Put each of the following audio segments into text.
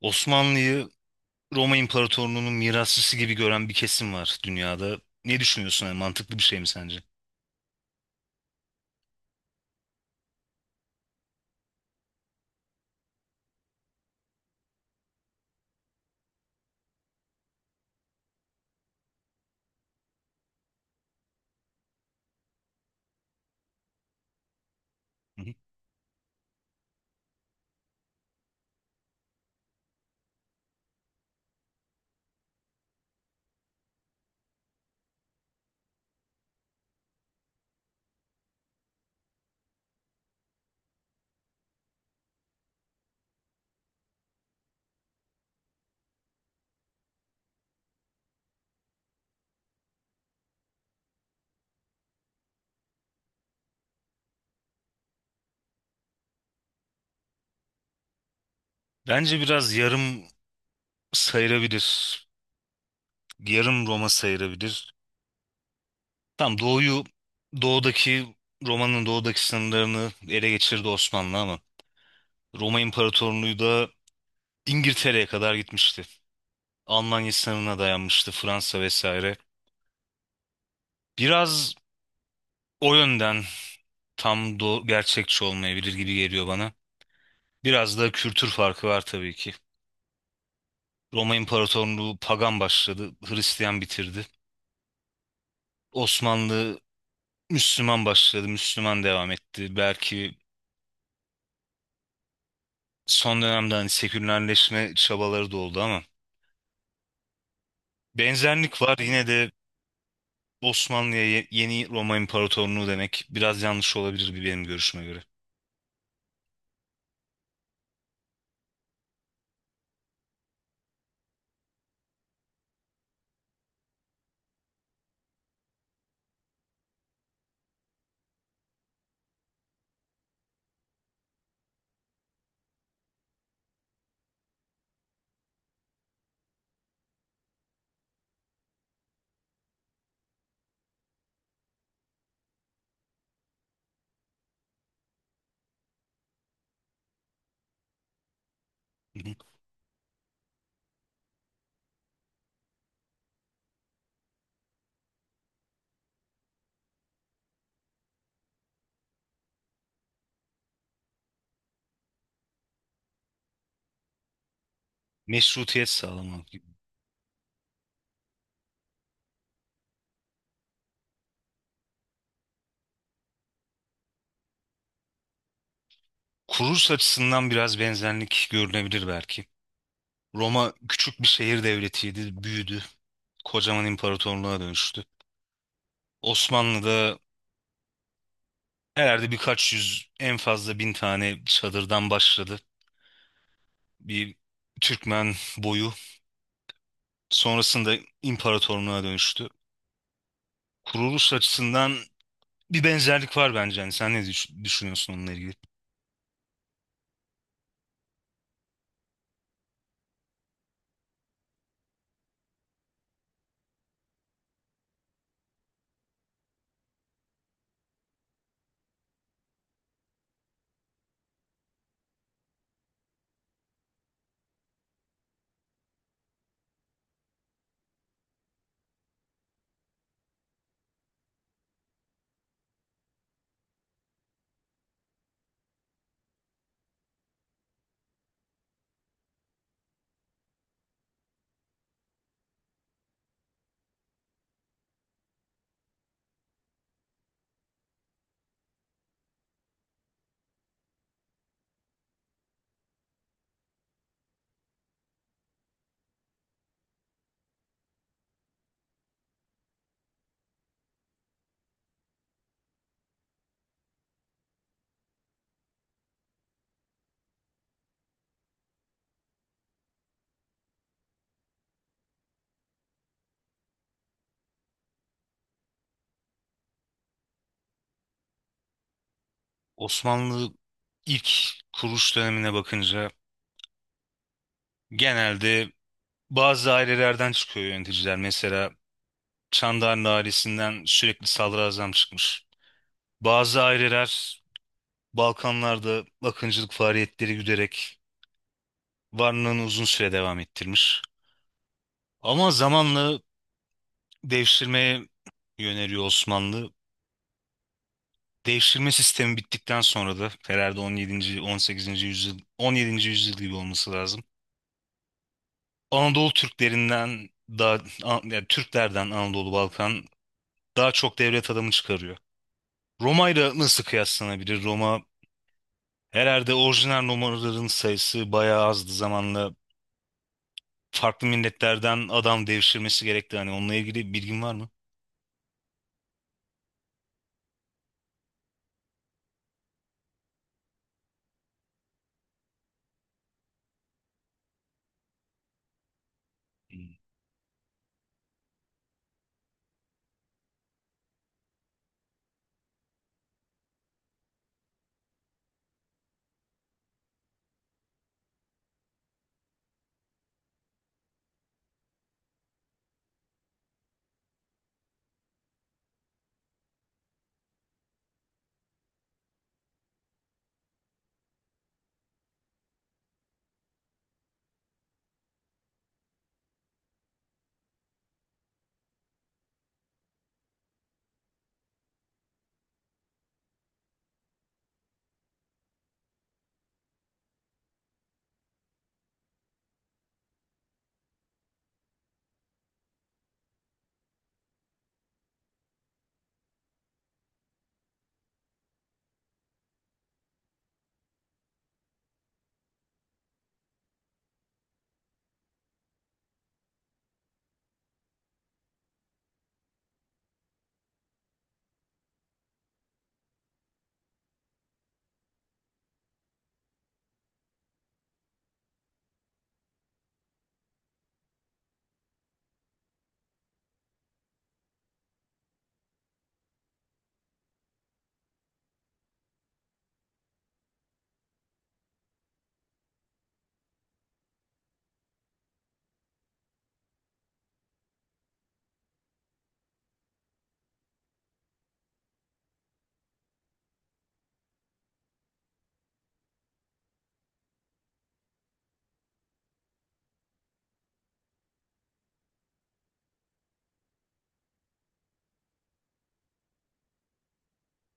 Osmanlı'yı Roma İmparatorluğu'nun mirasçısı gibi gören bir kesim var dünyada. Ne düşünüyorsun? Yani mantıklı bir şey mi sence? Bence biraz yarım sayılabilir. Yarım Roma sayılabilir. Tam doğuyu doğudaki Roma'nın doğudaki sınırlarını ele geçirdi Osmanlı ama Roma İmparatorluğu da İngiltere'ye kadar gitmişti. Almanya sınırına dayanmıştı Fransa vesaire. Biraz o yönden tam gerçekçi olmayabilir gibi geliyor bana. Biraz da kültür farkı var tabii ki. Roma İmparatorluğu pagan başladı, Hristiyan bitirdi. Osmanlı Müslüman başladı, Müslüman devam etti. Belki son dönemde hani sekülerleşme çabaları da oldu ama benzerlik var. Yine de Osmanlı'ya yeni Roma İmparatorluğu demek biraz yanlış olabilir bir benim görüşüme göre. Hı hı. Meşrutiyet sağlamak gibi. Kuruluş açısından biraz benzerlik görülebilir belki. Roma küçük bir şehir devletiydi, büyüdü. Kocaman imparatorluğa dönüştü. Osmanlı'da herhalde birkaç yüz en fazla bin tane çadırdan başladı. Bir Türkmen boyu sonrasında imparatorluğa dönüştü. Kuruluş açısından bir benzerlik var bence. Yani sen ne düşünüyorsun onunla ilgili? Osmanlı ilk kuruluş dönemine bakınca genelde bazı ailelerden çıkıyor yöneticiler. Mesela Çandarlı ailesinden sürekli sadrazam çıkmış. Bazı aileler Balkanlarda akıncılık faaliyetleri güderek varlığını uzun süre devam ettirmiş. Ama zamanla devşirmeye yöneliyor Osmanlı. Devşirme sistemi bittikten sonra da herhalde 17. yüzyıl gibi olması lazım. Anadolu Türklerinden daha An- Yani Türklerden Anadolu Balkan daha çok devlet adamı çıkarıyor. Roma ile nasıl kıyaslanabilir? Roma herhalde orijinal Romalıların sayısı bayağı azdı zamanla. Farklı milletlerden adam devşirmesi gerekti. Hani onunla ilgili bilgin var mı?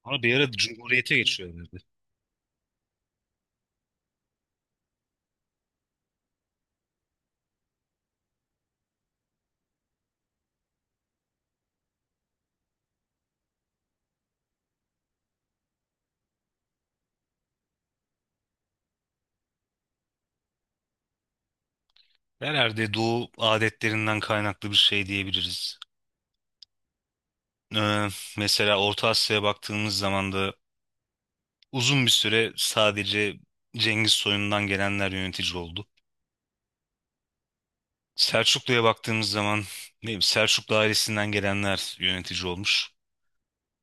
Ama bir ara Cumhuriyet'e geçiyorlardı. Herhalde Doğu adetlerinden kaynaklı bir şey diyebiliriz. Ee, mesela Orta Asya'ya baktığımız zaman da uzun bir süre sadece Cengiz soyundan gelenler yönetici oldu. Selçuklu'ya baktığımız zaman ne bileyim, Selçuklu ailesinden gelenler yönetici olmuş.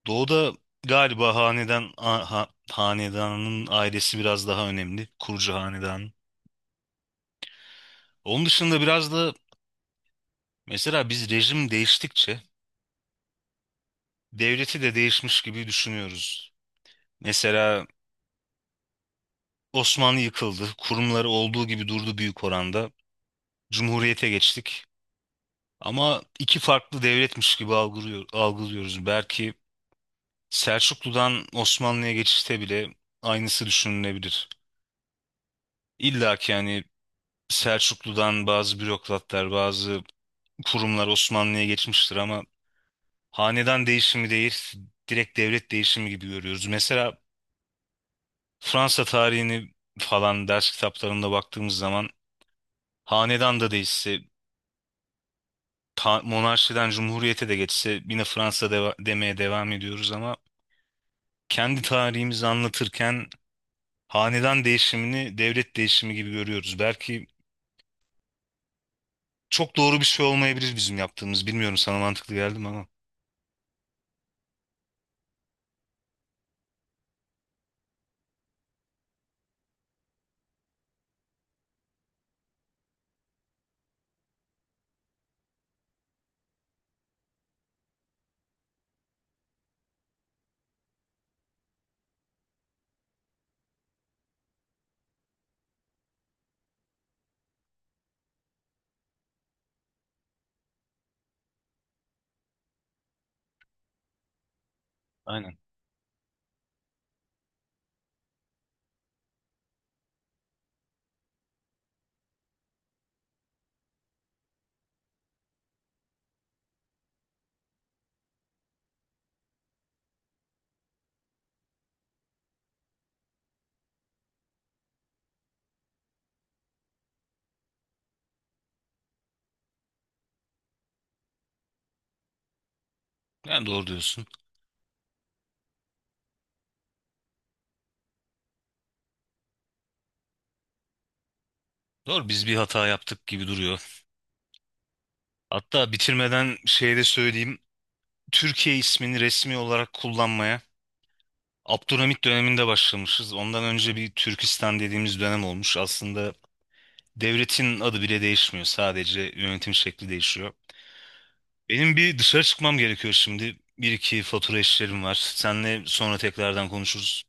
Doğu'da galiba hanedanın ailesi biraz daha önemli. Kurucu hanedanın. Onun dışında biraz da mesela biz rejim değiştikçe devleti de değişmiş gibi düşünüyoruz. Mesela Osmanlı yıkıldı, kurumları olduğu gibi durdu büyük oranda. Cumhuriyete geçtik. Ama iki farklı devletmiş gibi algılıyoruz. Belki Selçuklu'dan Osmanlı'ya geçişte bile aynısı düşünülebilir. İlla ki yani Selçuklu'dan bazı bürokratlar, bazı kurumlar Osmanlı'ya geçmiştir ama hanedan değişimi değil, direkt devlet değişimi gibi görüyoruz. Mesela Fransa tarihini falan ders kitaplarında baktığımız zaman hanedan da değişse, monarşiden cumhuriyete de geçse yine Fransa demeye devam ediyoruz ama kendi tarihimizi anlatırken hanedan değişimini devlet değişimi gibi görüyoruz. Belki çok doğru bir şey olmayabilir bizim yaptığımız. Bilmiyorum sana mantıklı geldi mi ama. Aynen. Yani doğru diyorsun. Doğru biz bir hata yaptık gibi duruyor. Hatta bitirmeden şey de söyleyeyim. Türkiye ismini resmi olarak kullanmaya Abdülhamit döneminde başlamışız. Ondan önce bir Türkistan dediğimiz dönem olmuş. Aslında devletin adı bile değişmiyor. Sadece yönetim şekli değişiyor. Benim bir dışarı çıkmam gerekiyor şimdi. Bir iki fatura işlerim var. Senle sonra tekrardan konuşuruz.